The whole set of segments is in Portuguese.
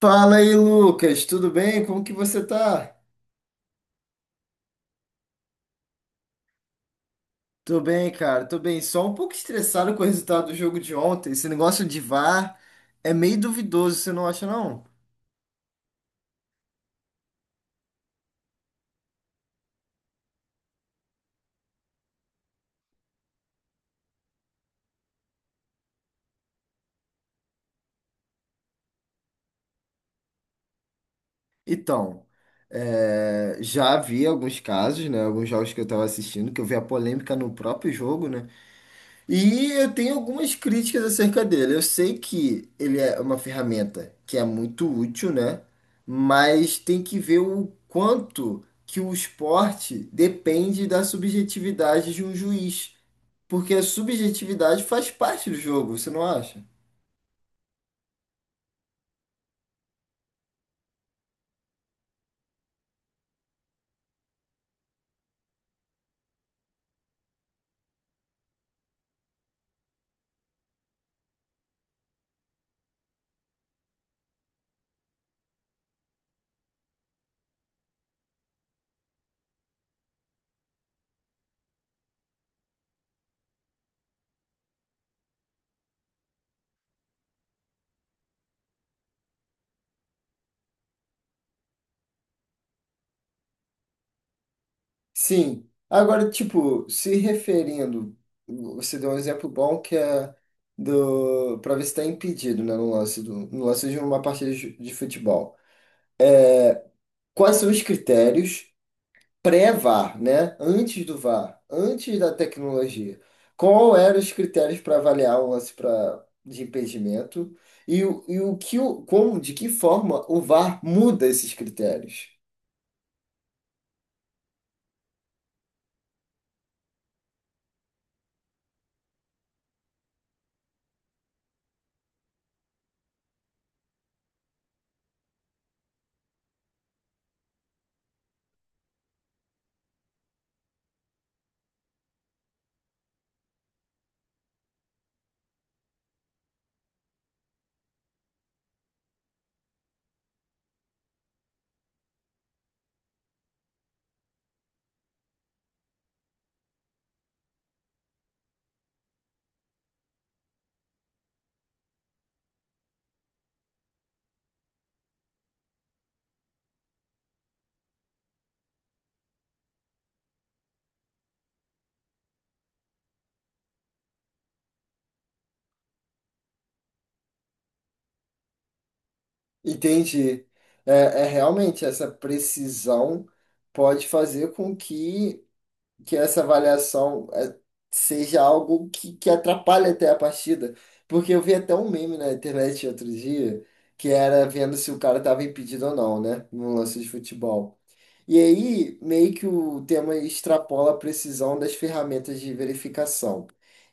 Fala aí, Lucas, tudo bem? Como que você tá? Tô bem, cara, tô bem. Só um pouco estressado com o resultado do jogo de ontem. Esse negócio de VAR é meio duvidoso, você não acha, não? Então, já vi alguns casos, né? Alguns jogos que eu tava assistindo, que eu vi a polêmica no próprio jogo, né? E eu tenho algumas críticas acerca dele. Eu sei que ele é uma ferramenta que é muito útil, né? Mas tem que ver o quanto que o esporte depende da subjetividade de um juiz, porque a subjetividade faz parte do jogo, você não acha? Sim. Agora, tipo, se referindo, você deu um exemplo bom, que é do para ver se está impedido, né, no no lance de uma partida de futebol. Quais são os critérios pré-VAR, né? Antes do VAR, antes da tecnologia. Qual eram os critérios para avaliar o de impedimento e o de que forma o VAR muda esses critérios? Entende? É realmente essa precisão pode fazer com que essa avaliação seja algo que atrapalhe até a partida. Porque eu vi até um meme na internet outro dia, que era vendo se o cara estava impedido ou não, né? Num lance de futebol. E aí, meio que o tema extrapola a precisão das ferramentas de verificação.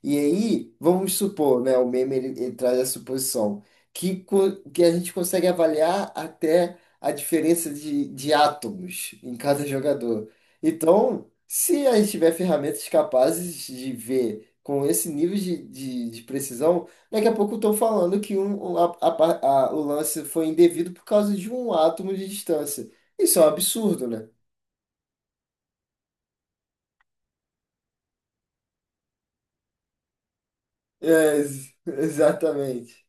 E aí, vamos supor, né, o meme ele traz a suposição que, que a gente consegue avaliar até a diferença de átomos em cada jogador. Então, se a gente tiver ferramentas capazes de ver com esse nível de precisão, daqui a pouco estão falando que o lance foi indevido por causa de um átomo de distância. Isso é um absurdo, né? É, exatamente.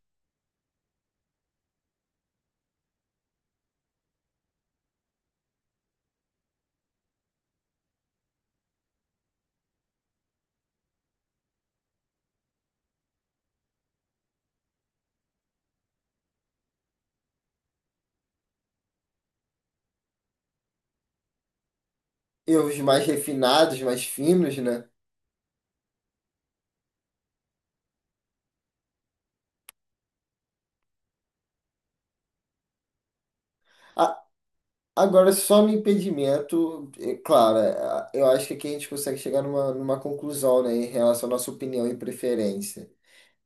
E os mais refinados, mais finos, né? A- Agora, só no impedimento, é claro, eu acho que aqui a gente consegue chegar numa conclusão, né, em relação à nossa opinião e preferência.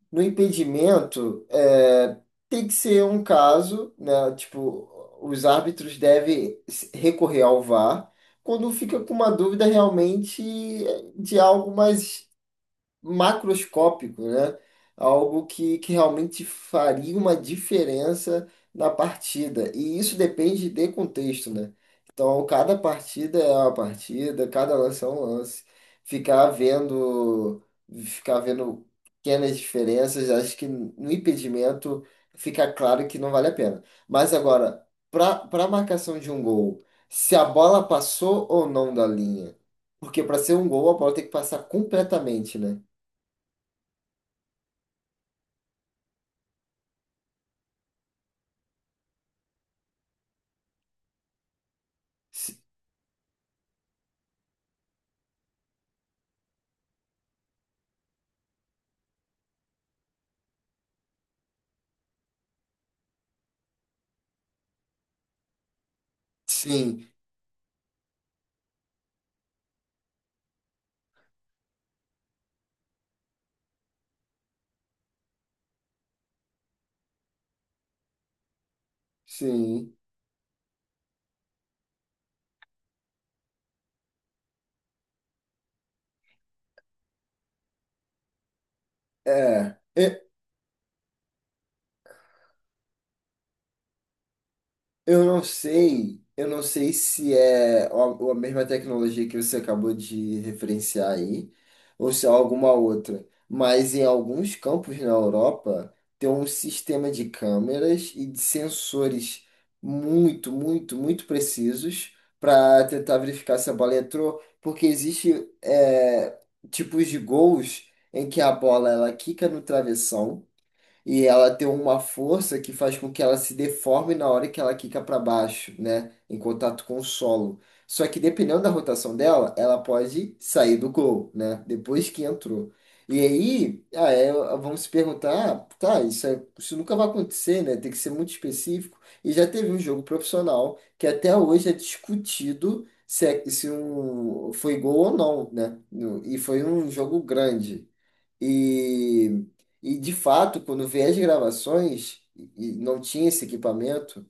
No impedimento, é, tem que ser um caso, né? Tipo, os árbitros devem recorrer ao VAR quando fica com uma dúvida realmente de algo mais macroscópico, né? Algo que realmente faria uma diferença na partida. E isso depende de contexto, né? Então, cada partida é uma partida, cada lance é um lance. Ficar vendo, ficar vendo pequenas diferenças, acho que no impedimento fica claro que não vale a pena. Mas agora, para a marcação de um gol, se a bola passou ou não da linha, porque para ser um gol, a bola tem que passar completamente, né? Si- Sim, sim. É, eu não sei se é a mesma tecnologia que você acabou de referenciar aí, ou se é alguma outra. Mas em alguns campos na Europa tem um sistema de câmeras e de sensores muito, muito, muito precisos para tentar verificar se a bola entrou, porque existe é, tipos de gols em que a bola ela quica no travessão. E ela tem uma força que faz com que ela se deforme na hora que ela quica para baixo, né? Em contato com o solo. Só que dependendo da rotação dela, ela pode sair do gol, né? Depois que entrou. E aí, ah, é, vamos se perguntar, ah, tá, isso, isso nunca vai acontecer, né? Tem que ser muito específico. E já teve um jogo profissional que até hoje é discutido se, se um, foi gol ou não, né? E foi um jogo grande. E, e de fato, quando vê as gravações, e não tinha esse equipamento,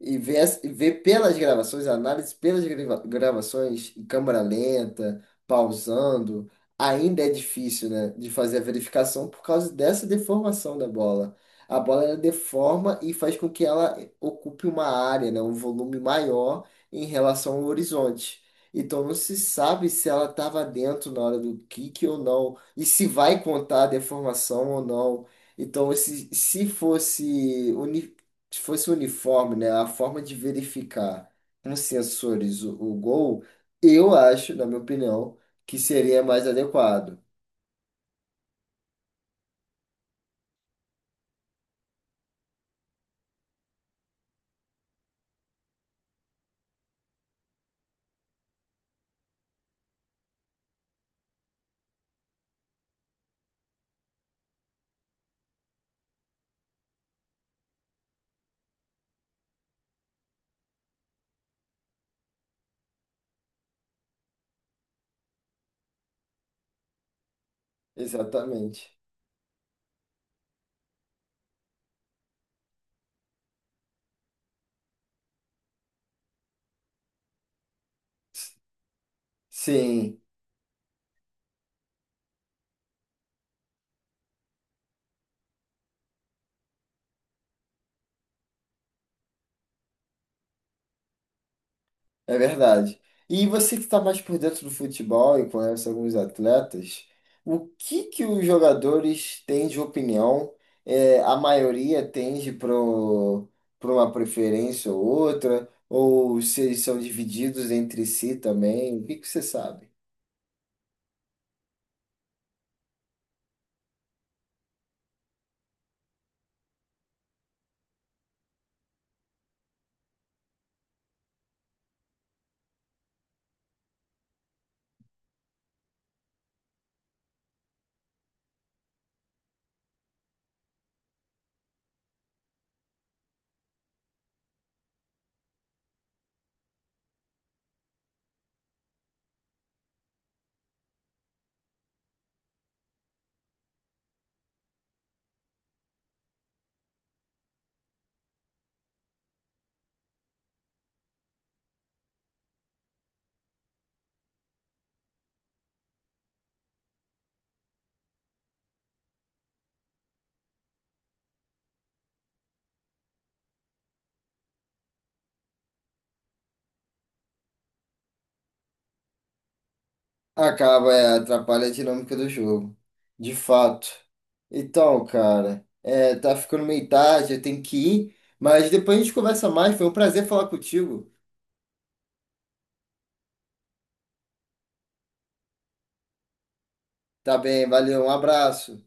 e vê pelas gravações, a análise pelas gravações, em câmera lenta, pausando, ainda é difícil, né, de fazer a verificação por causa dessa deformação da bola. A bola ela deforma e faz com que ela ocupe uma área, né, um volume maior em relação ao horizonte. Então não se sabe se ela estava dentro na hora do kick ou não, e se vai contar a deformação ou não. Então, se fosse, se fosse uniforme, né, a forma de verificar com sensores o gol, eu acho, na minha opinião, que seria mais adequado. Exatamente. Sim. É verdade. E você que está mais por dentro do futebol e conhece alguns atletas, o que que os jogadores têm de opinião? É, a maioria tende para uma preferência ou outra, ou se eles são divididos entre si também? O que que você sabe? Acaba, é, atrapalha a dinâmica do jogo, de fato. Então, cara, é, tá ficando meio tarde, eu tenho que ir, mas depois a gente conversa mais. Foi um prazer falar contigo. Tá bem, valeu, um abraço.